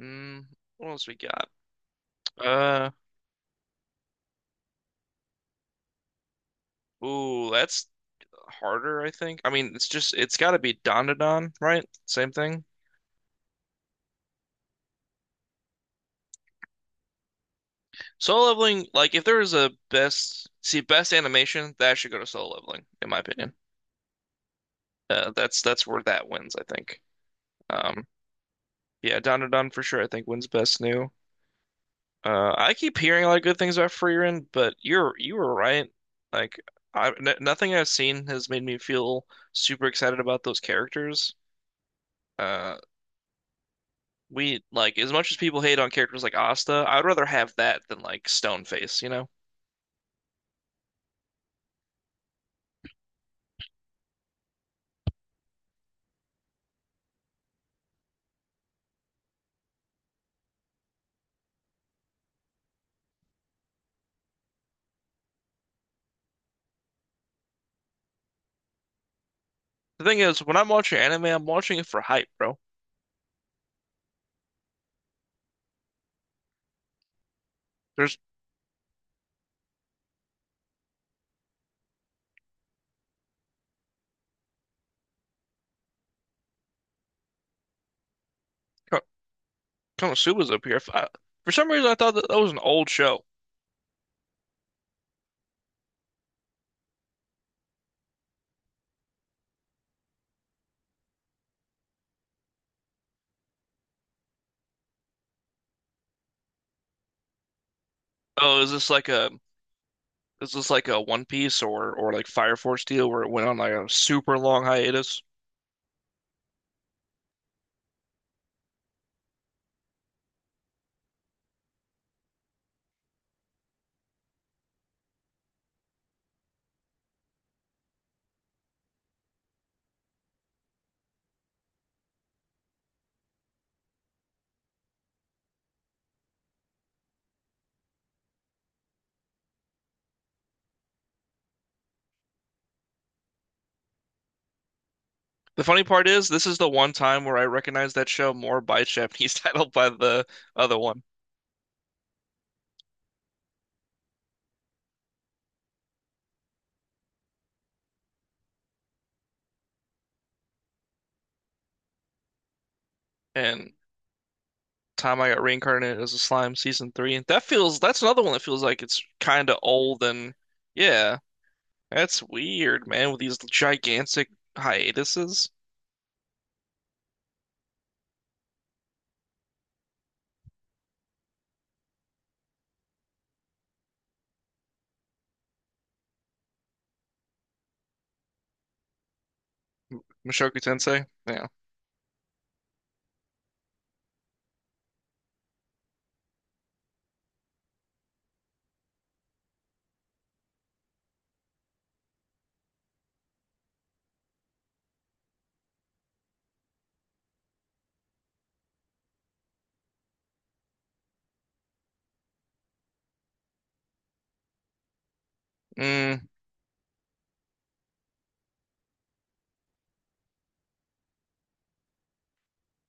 Mm, what else we got? Uh, ooh, that's harder, I think. I mean, it's got to be Dandadan, right? Same thing. Solo Leveling, like if there is a best, see best animation, that should go to Solo Leveling, in my opinion. That's where that wins, I think. Um, yeah, Dandadan for sure, I think wins best new. I keep hearing a lot of good things about Frieren, but you were right. Like, I n Nothing I've seen has made me feel super excited about those characters. Uh, We like as much as people hate on characters like Asta, I'd rather have that than like Stoneface. The thing is, when I'm watching anime, I'm watching it for hype, bro. There's Ko- Konosuba's up here. If I- For some reason, I thought that, that was an old show. Oh, is this like a One Piece or like Fire Force deal where it went on like a super long hiatus? The funny part is, this is the one time where I recognize that show more by its Japanese title by the other one, and time I got reincarnated as a slime season three. And that's another one that feels like it's kind of old and yeah, that's weird, man, with these gigantic hiatuses. Mushoku Tensei. Yeah. Mm,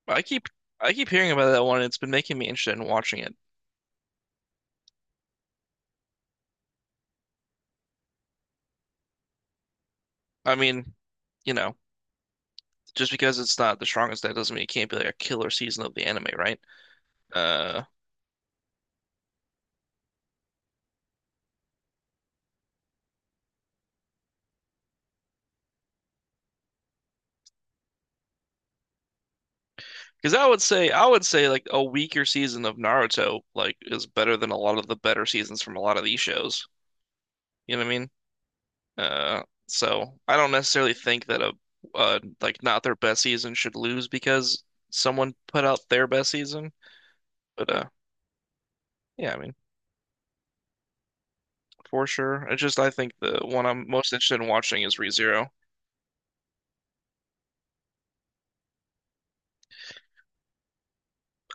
I keep I keep hearing about that one and it's been making me interested in watching it. I mean, you know, just because it's not the strongest that doesn't mean it can't be like a killer season of the anime, right? Uh, because I would say like a weaker season of Naruto like is better than a lot of the better seasons from a lot of these shows. You know what I mean? Uh, so I don't necessarily think that a like not their best season should lose because someone put out their best season. But yeah, I mean for sure. It's just I think the one I'm most interested in watching is ReZero.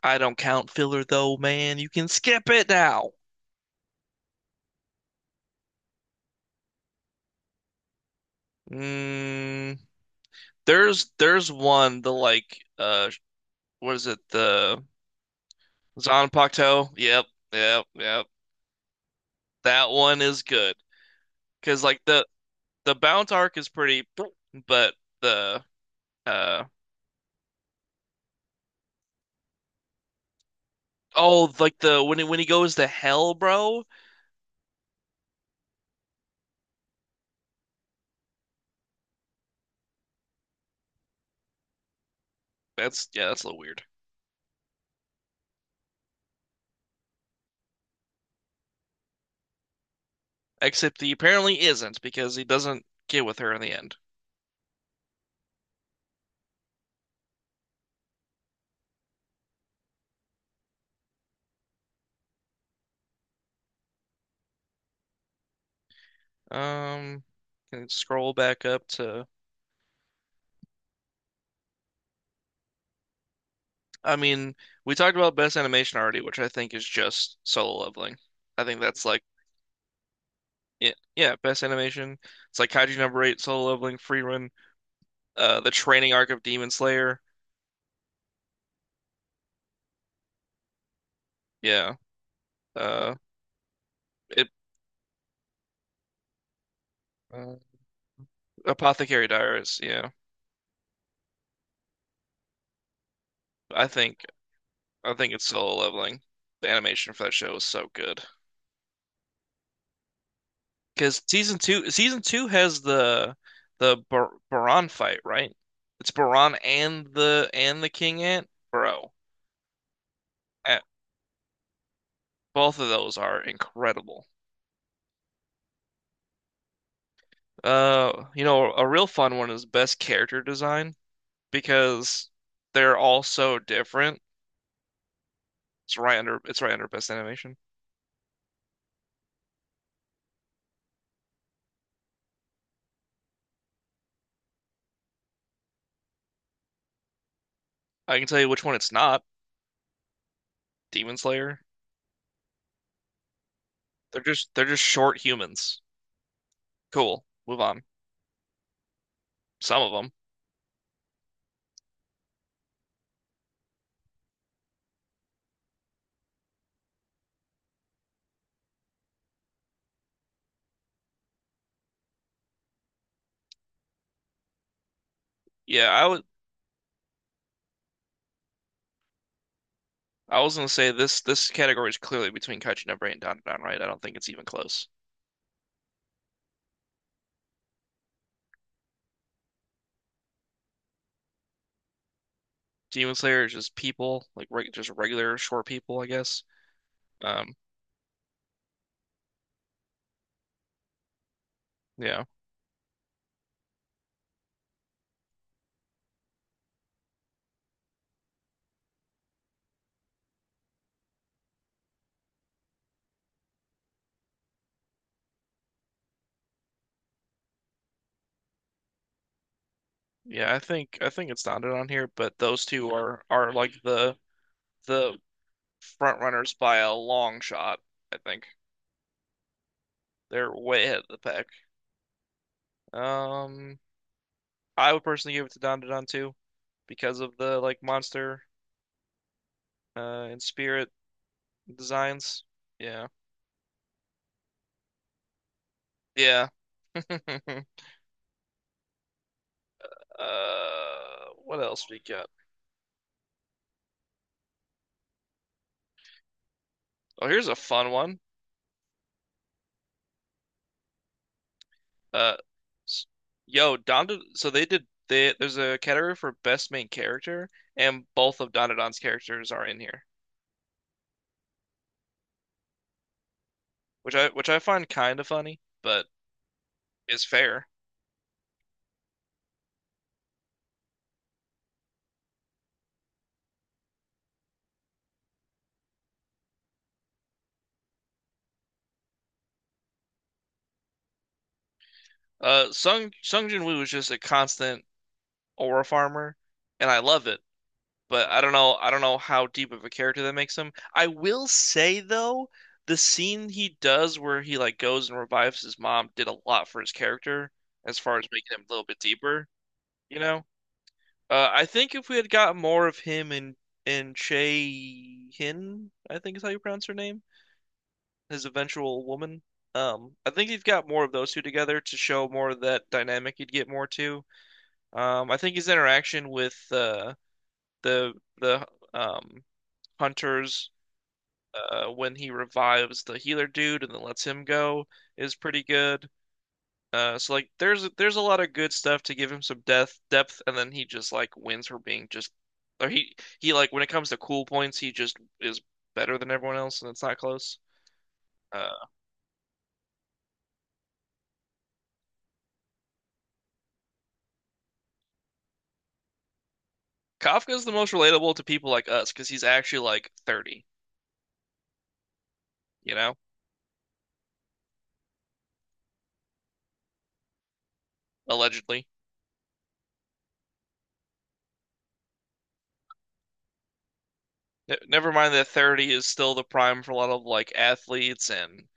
I don't count filler though, man. You can skip it now. Mm, there's there's one the like what is it the Zanpakuto? Yep, yep, yep. That one is good because like the Bount arc is pretty, but the Uh oh, like the when he goes to hell, bro. That's yeah, that's a little weird. Except he apparently isn't because he doesn't get with her in the end. Um, can scroll back up to. I mean, we talked about best animation already, which I think is just Solo Leveling. I think that's like it. Yeah, best animation. It's like Kaiju number eight, Solo Leveling, free run, the training arc of Demon Slayer. Yeah. Uh, it, uh, Apothecary Diaries. Yeah. I think I think it's Solo Leveling. The animation for that show is so good. Because season two has the Bar Baran fight, right? It's Baran and the King Ant, bro. eh, Both of those are incredible. You know, a real fun one is best character design because they're all so different. It's right under best animation. I can tell you which one it's not. Demon Slayer. They're just short humans. Cool. Move on. Some of them. Yeah, I would I was gonna say this category is clearly between Kaijinobre and Dandadan, right? I don't think it's even close. Demon Slayer is just people, like reg just regular short people, I guess. Um, yeah, yeah. I think it's Dandadan here, but those two are like the front runners by a long shot. I think they're way ahead of the pack. Um, I would personally give it to Dandadan too, because of the like monster and spirit designs. Yeah, yeah. What else we got? Oh, here's a fun one. Uh, s- Yo, Don. So they did. They there's a category for best main character, and both of Donadon's characters are in here, which I find kind of funny, but is fair. Sung Jin Woo is just a constant aura farmer, and I love it. But I don't know. I don't know how deep of a character that makes him. I will say though, the scene he does where he like goes and revives his mom did a lot for his character as far as making him a little bit deeper. You know, I think if we had got more of him in Che Hin, I think is how you pronounce her name, his eventual woman. I think you've got more of those two together to show more of that dynamic you'd get more too. I think his interaction with the the um, hunters when he revives the healer dude and then lets him go is pretty good. So there's a lot of good stuff to give him some death depth, and then he just like wins for being just or he like when it comes to cool points, he just is better than everyone else, and it's not close. Uh, Kafka is the most relatable to people like us because he's actually like 30, you know, allegedly. Never mind that 30 is still the prime for a lot of like athletes and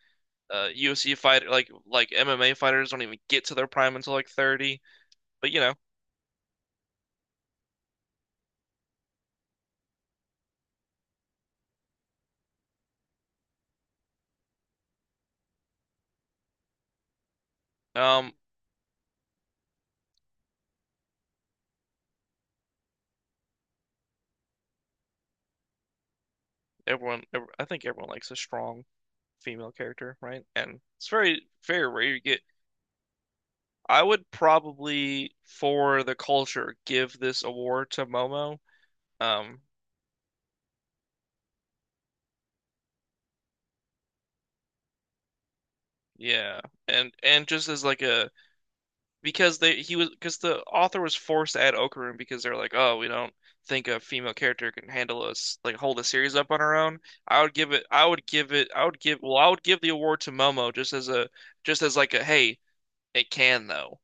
UFC fighter, like MMA fighters don't even get to their prime until like 30. But you know, um, everyone, ev I think everyone likes a strong female character, right? And it's very rare you get. I would probably, for the culture, give this award to Momo. Um, yeah, and just as like a because the author was forced to add Okarun because they're like, oh, we don't think a female character can handle us like hold a series up on her own. I would give it, I would give it, I would give, well, I would give the award to Momo just as a just as like a hey, it can though,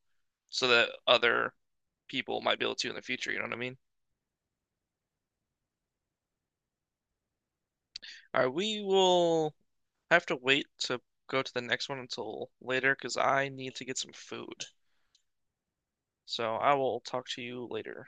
so that other people might be able to in the future. You know what I mean? All right, we will have to wait to go to the next one until later because I need to get some food. So I will talk to you later.